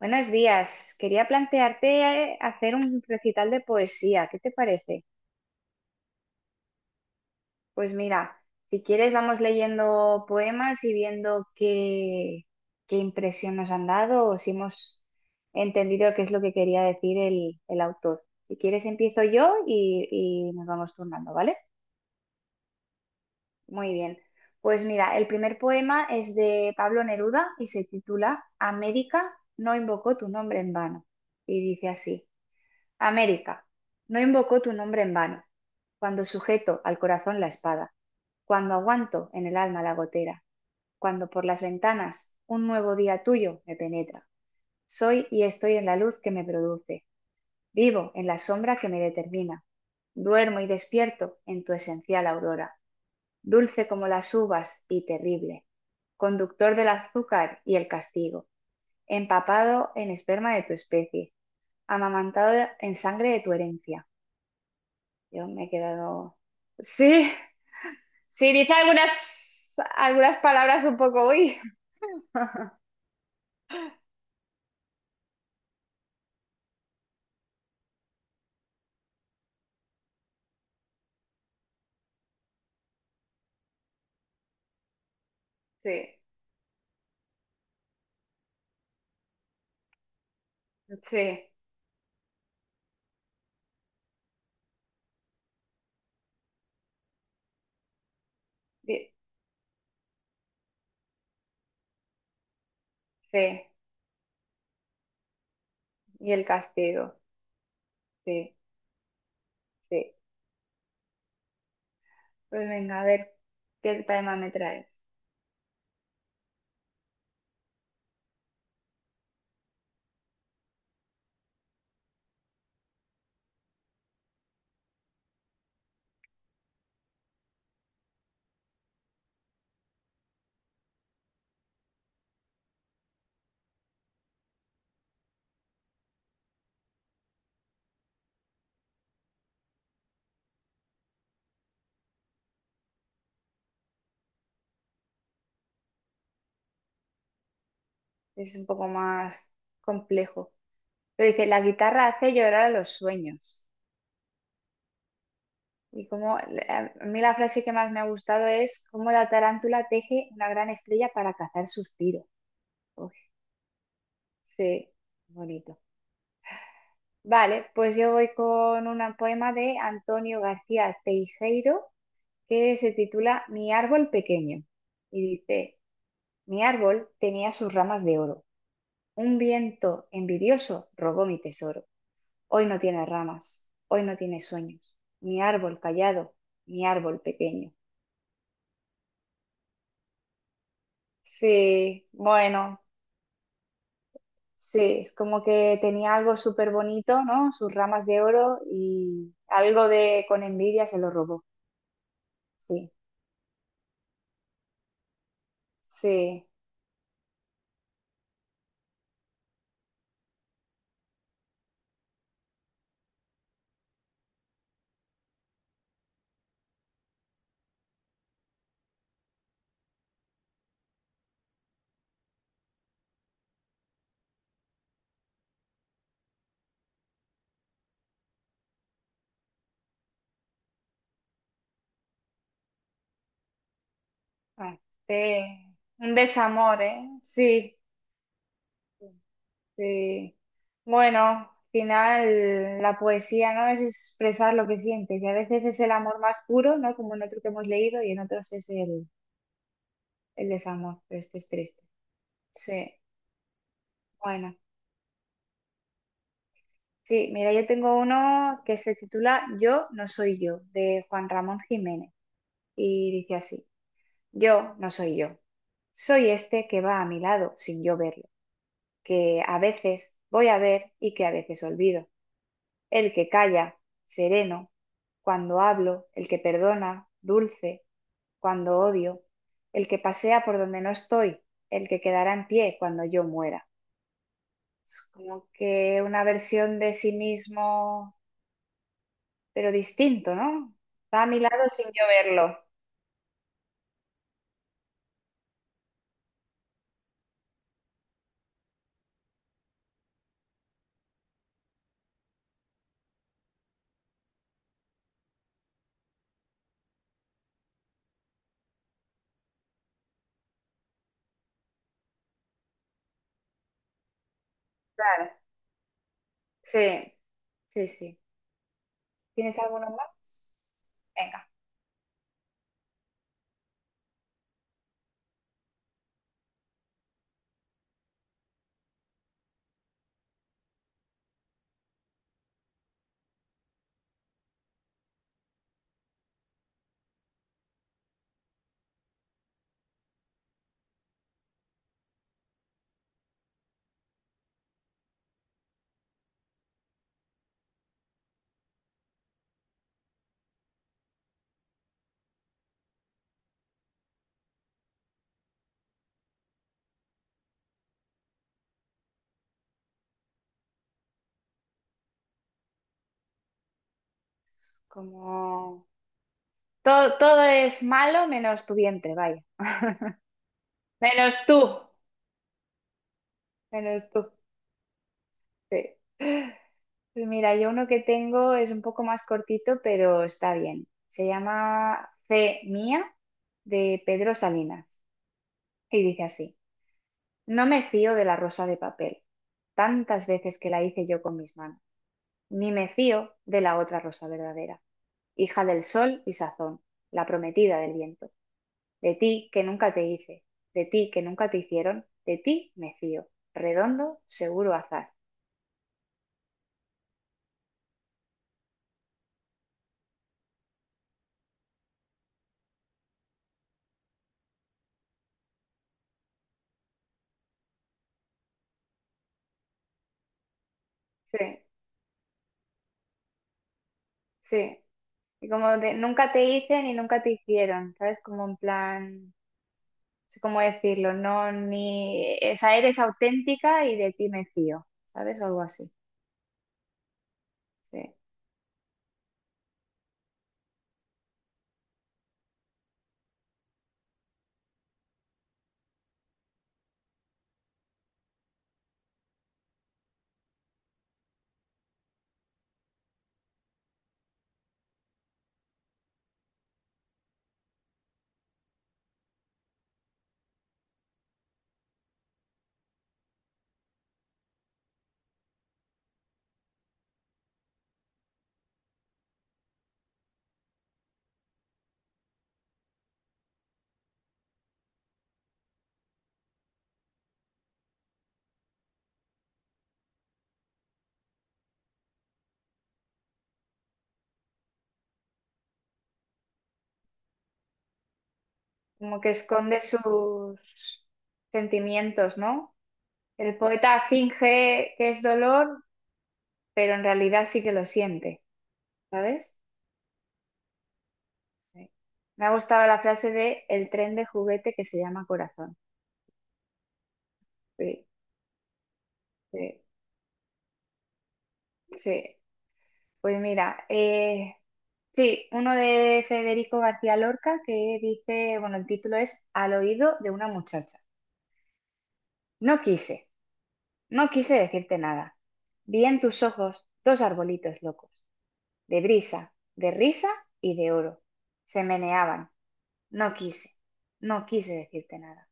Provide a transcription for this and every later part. Buenos días. Quería plantearte hacer un recital de poesía. ¿Qué te parece? Pues mira, si quieres vamos leyendo poemas y viendo qué impresión nos han dado o si hemos entendido qué es lo que quería decir el autor. Si quieres empiezo yo y nos vamos turnando, ¿vale? Muy bien. Pues mira, el primer poema es de Pablo Neruda y se titula América no invocó tu nombre en vano. Y dice así. América, no invocó tu nombre en vano, cuando sujeto al corazón la espada, cuando aguanto en el alma la gotera, cuando por las ventanas un nuevo día tuyo me penetra. Soy y estoy en la luz que me produce, vivo en la sombra que me determina, duermo y despierto en tu esencial aurora, dulce como las uvas y terrible, conductor del azúcar y el castigo, empapado en esperma de tu especie, amamantado en sangre de tu herencia. Yo me he quedado. Sí, sí, dice algunas palabras un poco, uy. Sí, sí, di- sí. Y el castigo. Sí, sí. Pues venga, a ver qué tema me traes. Es un poco más complejo. Pero dice, la guitarra hace llorar a los sueños. Y como a mí la frase que más me ha gustado es cómo la tarántula teje una gran estrella para cazar suspiros. Uy, sí, bonito. Vale, pues yo voy con un poema de Antonio García Teijeiro que se titula Mi árbol pequeño y dice, mi árbol tenía sus ramas de oro. Un viento envidioso robó mi tesoro. Hoy no tiene ramas, hoy no tiene sueños. Mi árbol callado, mi árbol pequeño. Sí, bueno, sí, es como que tenía algo súper bonito, ¿no? Sus ramas de oro y algo de con envidia se lo robó. Sí, sí. Ah, este, un desamor, ¿eh? Sí, sí. Bueno, al final la poesía, ¿no? Es expresar lo que sientes y a veces es el amor más puro, ¿no? Como en otro que hemos leído y en otros es el desamor, pero este es triste. Sí, bueno. Sí, mira, yo tengo uno que se titula Yo no soy yo, de Juan Ramón Jiménez y dice así, yo no soy yo. Soy este que va a mi lado sin yo verlo, que a veces voy a ver y que a veces olvido. El que calla, sereno, cuando hablo, el que perdona, dulce, cuando odio, el que pasea por donde no estoy, el que quedará en pie cuando yo muera. Es como que una versión de sí mismo, pero distinto, ¿no? Está a mi lado sin yo verlo. Claro, sí, sí, sí. ¿Tienes alguno más? Venga, como todo es malo menos tu vientre, vaya. Menos tú, menos tú, sí. Pues mira, yo uno que tengo es un poco más cortito, pero está bien. Se llama Fe mía de Pedro Salinas y dice así: no me fío de la rosa de papel, tantas veces que la hice yo con mis manos, ni me fío de la otra rosa verdadera, hija del sol y sazón, la prometida del viento. De ti que nunca te hice, de ti que nunca te hicieron, de ti me fío. Redondo, seguro azar. Sí, sí. Y como de nunca te hice ni nunca te hicieron, ¿sabes? Como en plan, no sé cómo decirlo, no, ni, o sea, eres auténtica y de ti me fío, ¿sabes? O algo así, sí. Como que esconde sus sentimientos, ¿no? El poeta finge que es dolor, pero en realidad sí que lo siente, ¿sabes? Sí. Me ha gustado la frase de el tren de juguete que se llama corazón. Sí, sí, sí. Pues mira, sí, uno de Federico García Lorca que dice, bueno, el título es Al oído de una muchacha. No quise, no quise decirte nada. Vi en tus ojos dos arbolitos locos, de brisa, de risa y de oro. Se meneaban. No quise, no quise decirte nada.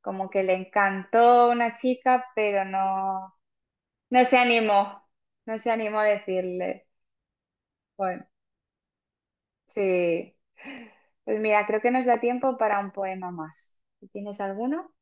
Como que le encantó una chica, pero no, no se animó, no se animó a decirle. Bueno. Sí. Pues mira, creo que nos da tiempo para un poema más. Si ¿Tienes alguno?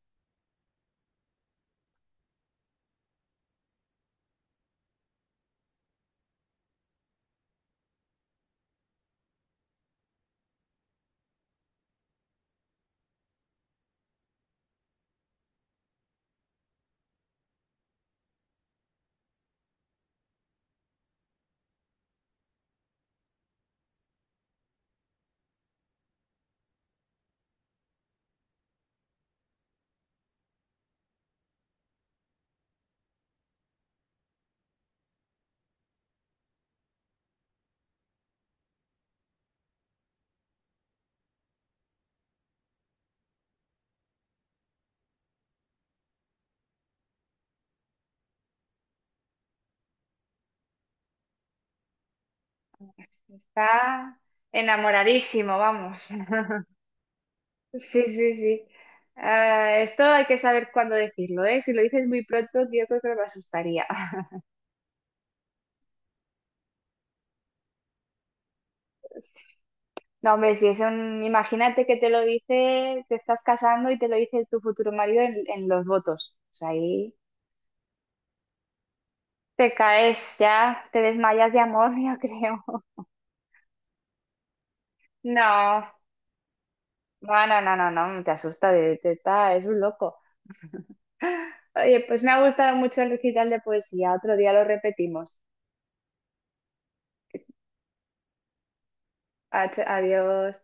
Está enamoradísimo, vamos. Sí, sí, sí. Ah, esto hay que saber cuándo decirlo, ¿eh? Si lo dices muy pronto, yo creo que me asustaría. No, hombre, si es un... Imagínate que te lo dice, te estás casando y te lo dice tu futuro marido en los votos. Pues ahí te caes ya, te desmayas de amor, yo creo. No. No, no, no, no, no, te asusta, de, es un loco. Oye, pues me ha gustado mucho el recital de poesía. Otro día lo repetimos. Adiós.